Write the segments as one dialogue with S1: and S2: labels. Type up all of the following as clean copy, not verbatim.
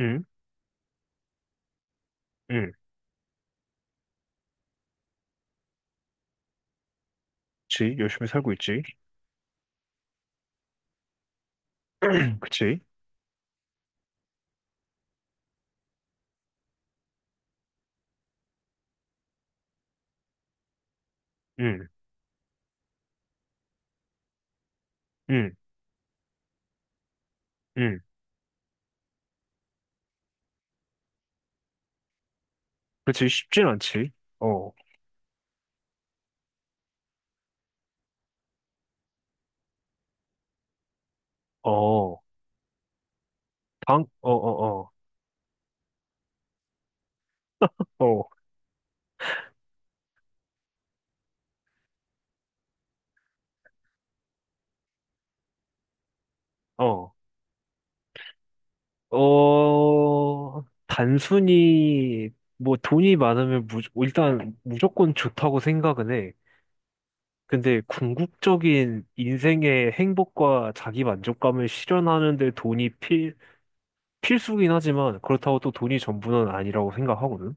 S1: 응, 응, 그치. 열심히 살고 있지. 그치. 응, 응, 응. 그치. 쉽진 않지. 어, 어, 어, 어, 어, 어, 어, 어, 단순히, 뭐, 돈이 많으면 일단 무조건 좋다고 생각은 해. 근데 궁극적인 인생의 행복과 자기 만족감을 실현하는데 돈이 필수긴 하지만 그렇다고 또 돈이 전부는 아니라고 생각하거든.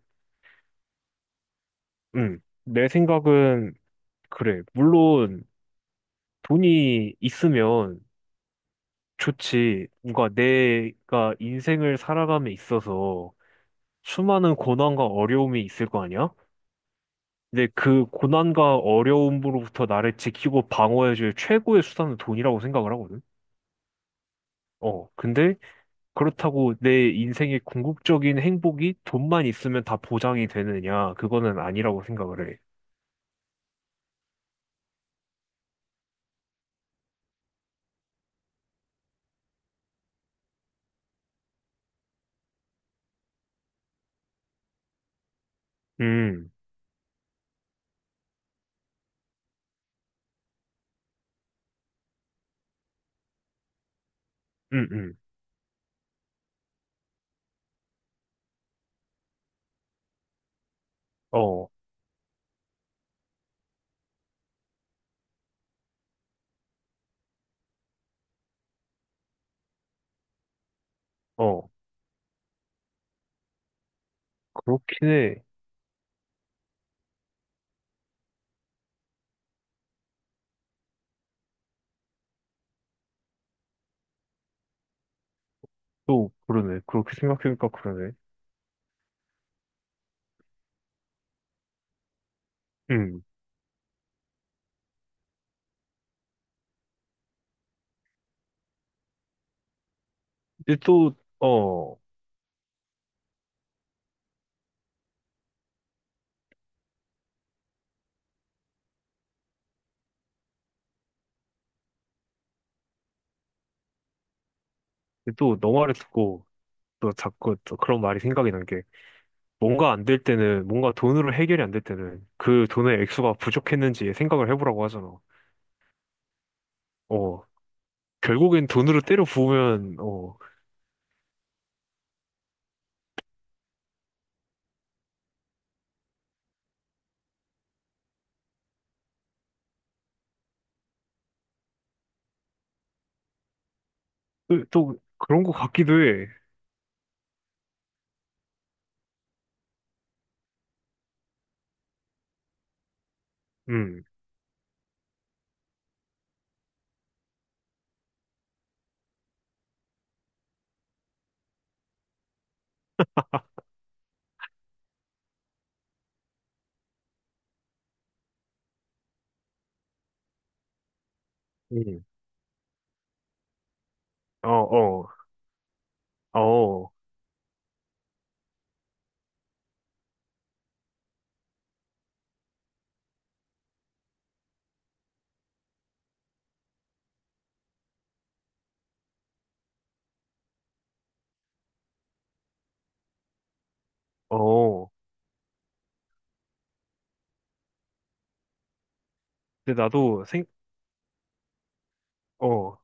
S1: 응. 내 생각은 그래. 물론 돈이 있으면 좋지. 뭔가 내가 인생을 살아감에 있어서 수많은 고난과 어려움이 있을 거 아니야? 근데 그 고난과 어려움으로부터 나를 지키고 방어해줄 최고의 수단은 돈이라고 생각을 하거든. 어, 근데 그렇다고 내 인생의 궁극적인 행복이 돈만 있으면 다 보장이 되느냐? 그거는 아니라고 생각을 해. 음, 음, 음. 어, 어. 그렇긴 해. 또 그러네. 그렇게 생각해보니까 그러네. 음. 근데 또, 어, 근데 또 너 말을 듣고 또 자꾸 또 그런 말이 생각이 난 게, 뭔가 안 될 때는, 뭔가 돈으로 해결이 안 될 때는 그 돈의 액수가 부족했는지 생각을 해보라고 하잖아. 어, 결국엔 돈으로 때려 부으면, 어, 또, 또 그런 것 같기도 해. 음, 음, 어, 어, 어, 어. 근데 나도 생, 어,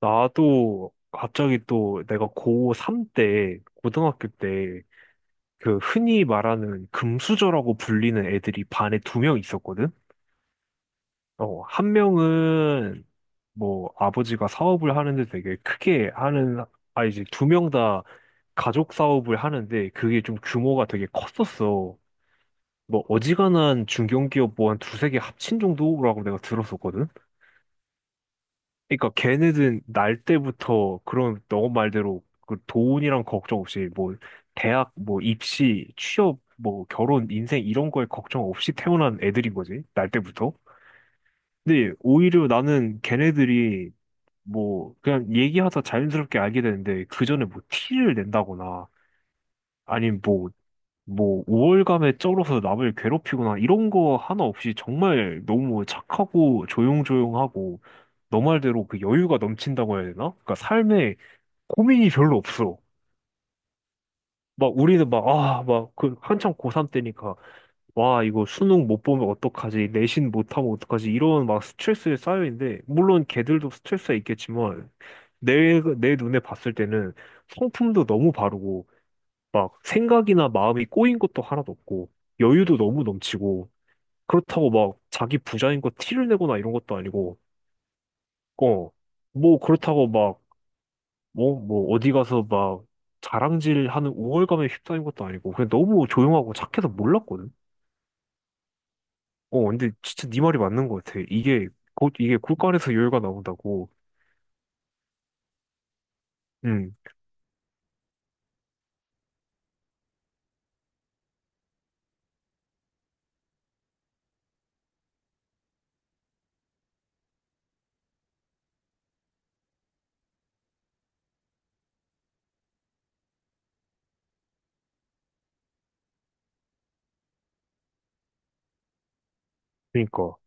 S1: 나도 갑자기 또 내가 고3 때, 고등학교 때, 그 흔히 말하는 금수저라고 불리는 애들이 반에 두 명 있었거든? 어, 한 명은 뭐 아버지가 사업을 하는데 되게 크게 하는, 아, 이제 두 명 다 가족 사업을 하는데 그게 좀 규모가 되게 컸었어. 뭐 어지간한 중견기업 뭐 한 두세 개 합친 정도라고 내가 들었었거든? 그러니까 걔네들은 날 때부터 그런 너 말대로 그 돈이랑 걱정 없이 뭐 대학 뭐 입시 취업 뭐 결혼 인생 이런 거에 걱정 없이 태어난 애들인 거지 날 때부터. 근데 오히려 나는 걔네들이 뭐 그냥 얘기하다 자연스럽게 알게 되는데 그 전에 뭐 티를 낸다거나 아니면 뭐 우월감에 쩔어서 남을 괴롭히거나 이런 거 하나 없이 정말 너무 착하고 조용조용하고 너 말대로 그 여유가 넘친다고 해야 되나? 그러니까 삶에 고민이 별로 없어. 막 우리는 막 아 막 그 한창 고3 때니까 와 이거 수능 못 보면 어떡하지 내신 못하면 어떡하지 이런 막 스트레스에 쌓여 있는데 물론 걔들도 스트레스가 있겠지만 내 눈에 봤을 때는 성품도 너무 바르고 막 생각이나 마음이 꼬인 것도 하나도 없고 여유도 너무 넘치고 그렇다고 막 자기 부자인 거 티를 내거나 이런 것도 아니고 어 뭐 그렇다고 막 뭐 어디 가서 막 자랑질하는 우월감에 휩싸인 것도 아니고 그냥 너무 조용하고 착해서 몰랐거든. 어 근데 진짜 네 말이 맞는 것 같아 이게 곧 이게 굴간에서 여유가 나온다고. 음 그러니까.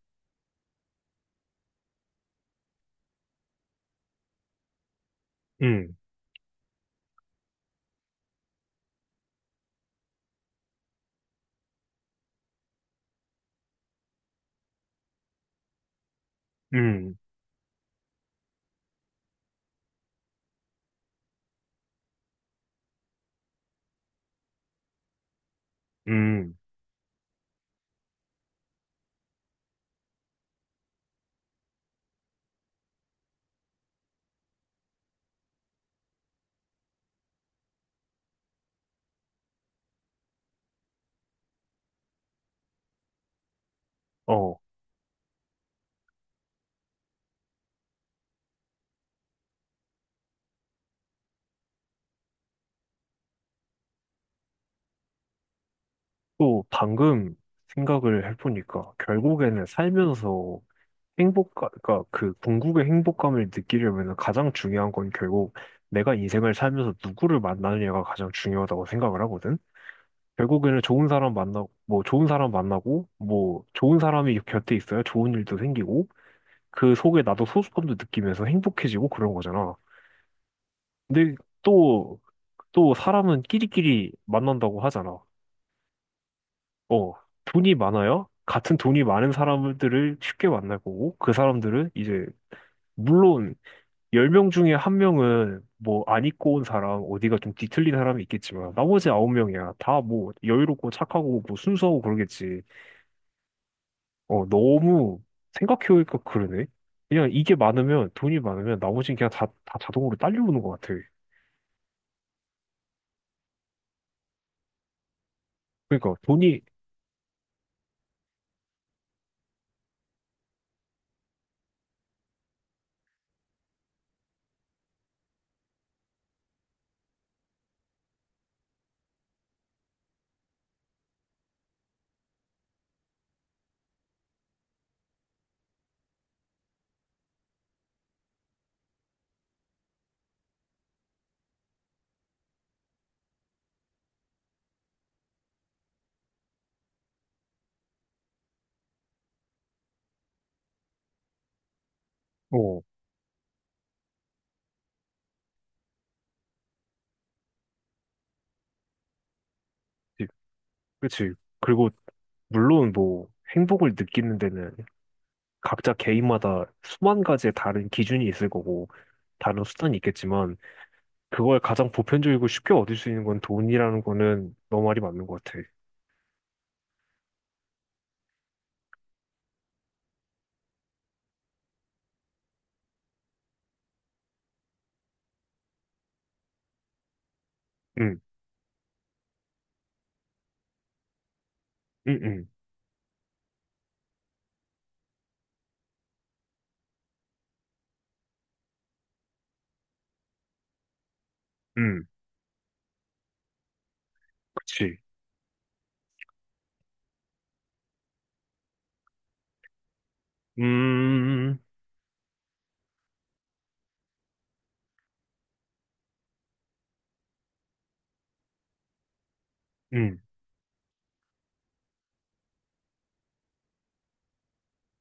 S1: 음음음어또 방금 생각을 해보니까 결국에는 살면서 행복감, 그러니까 그 궁극의 행복감을 느끼려면 가장 중요한 건 결국 내가 인생을 살면서 누구를 만나느냐가 가장 중요하다고 생각을 하거든. 결국에는 좋은 사람 만나고, 뭐 좋은 사람 만나고, 뭐 좋은 사람이 곁에 있어야 좋은 일도 생기고, 그 속에 나도 소속감도 느끼면서 행복해지고 그런 거잖아. 근데 또, 또 사람은 끼리끼리 만난다고 하잖아. 어, 돈이 많아야 같은 돈이 많은 사람들을 쉽게 만날 거고, 그 사람들은 이제 물론 10명 중에 한 명은 뭐 안 입고 온 사람, 어디가 좀 뒤틀린 사람이 있겠지만 나머지 9명이야. 다 뭐 여유롭고 착하고 뭐 순수하고 그러겠지. 어, 너무 생각해보니까 그러네. 그냥 이게 많으면 돈이 많으면 나머지는 그냥 다, 다 자동으로 딸려오는 것 같아. 그러니까 돈이 어, 그치. 그치. 그리고 물론 뭐 행복을 느끼는 데는 각자 개인마다 수만 가지의 다른 기준이 있을 거고 다른 수단이 있겠지만 그걸 가장 보편적이고 쉽게 얻을 수 있는 건 돈이라는 거는 너 말이 맞는 것 같아. 응, 응, 응, 응, 그치. 음, 응.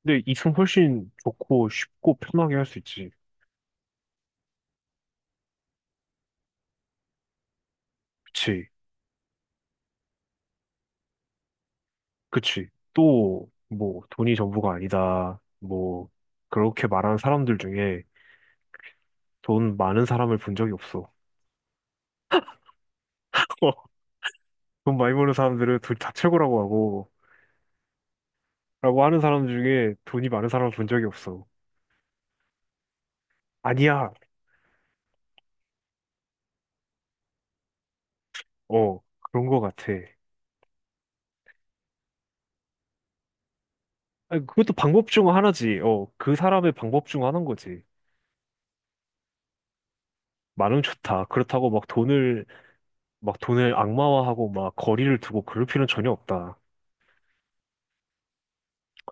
S1: 근데 이승 훨씬 좋고 쉽고 편하게 할 수 있지. 그치, 그치. 또, 뭐, 돈이 전부가 아니다. 뭐, 그렇게 말하는 사람들 중에 돈 많은 사람을 본 적이 없어. 돈 많이 버는 사람들은 돈 다 최고라고 하고, 라고 하는 사람 중에 돈이 많은 사람을 본 적이 없어. 아니야. 어, 그런 것 같아. 아니, 그것도 방법 중 하나지. 어, 그 사람의 방법 중 하나인 거지. 많으면 좋다. 그렇다고 막 돈을, 막 돈을 악마화하고 막 거리를 두고 그럴 필요는 전혀 없다.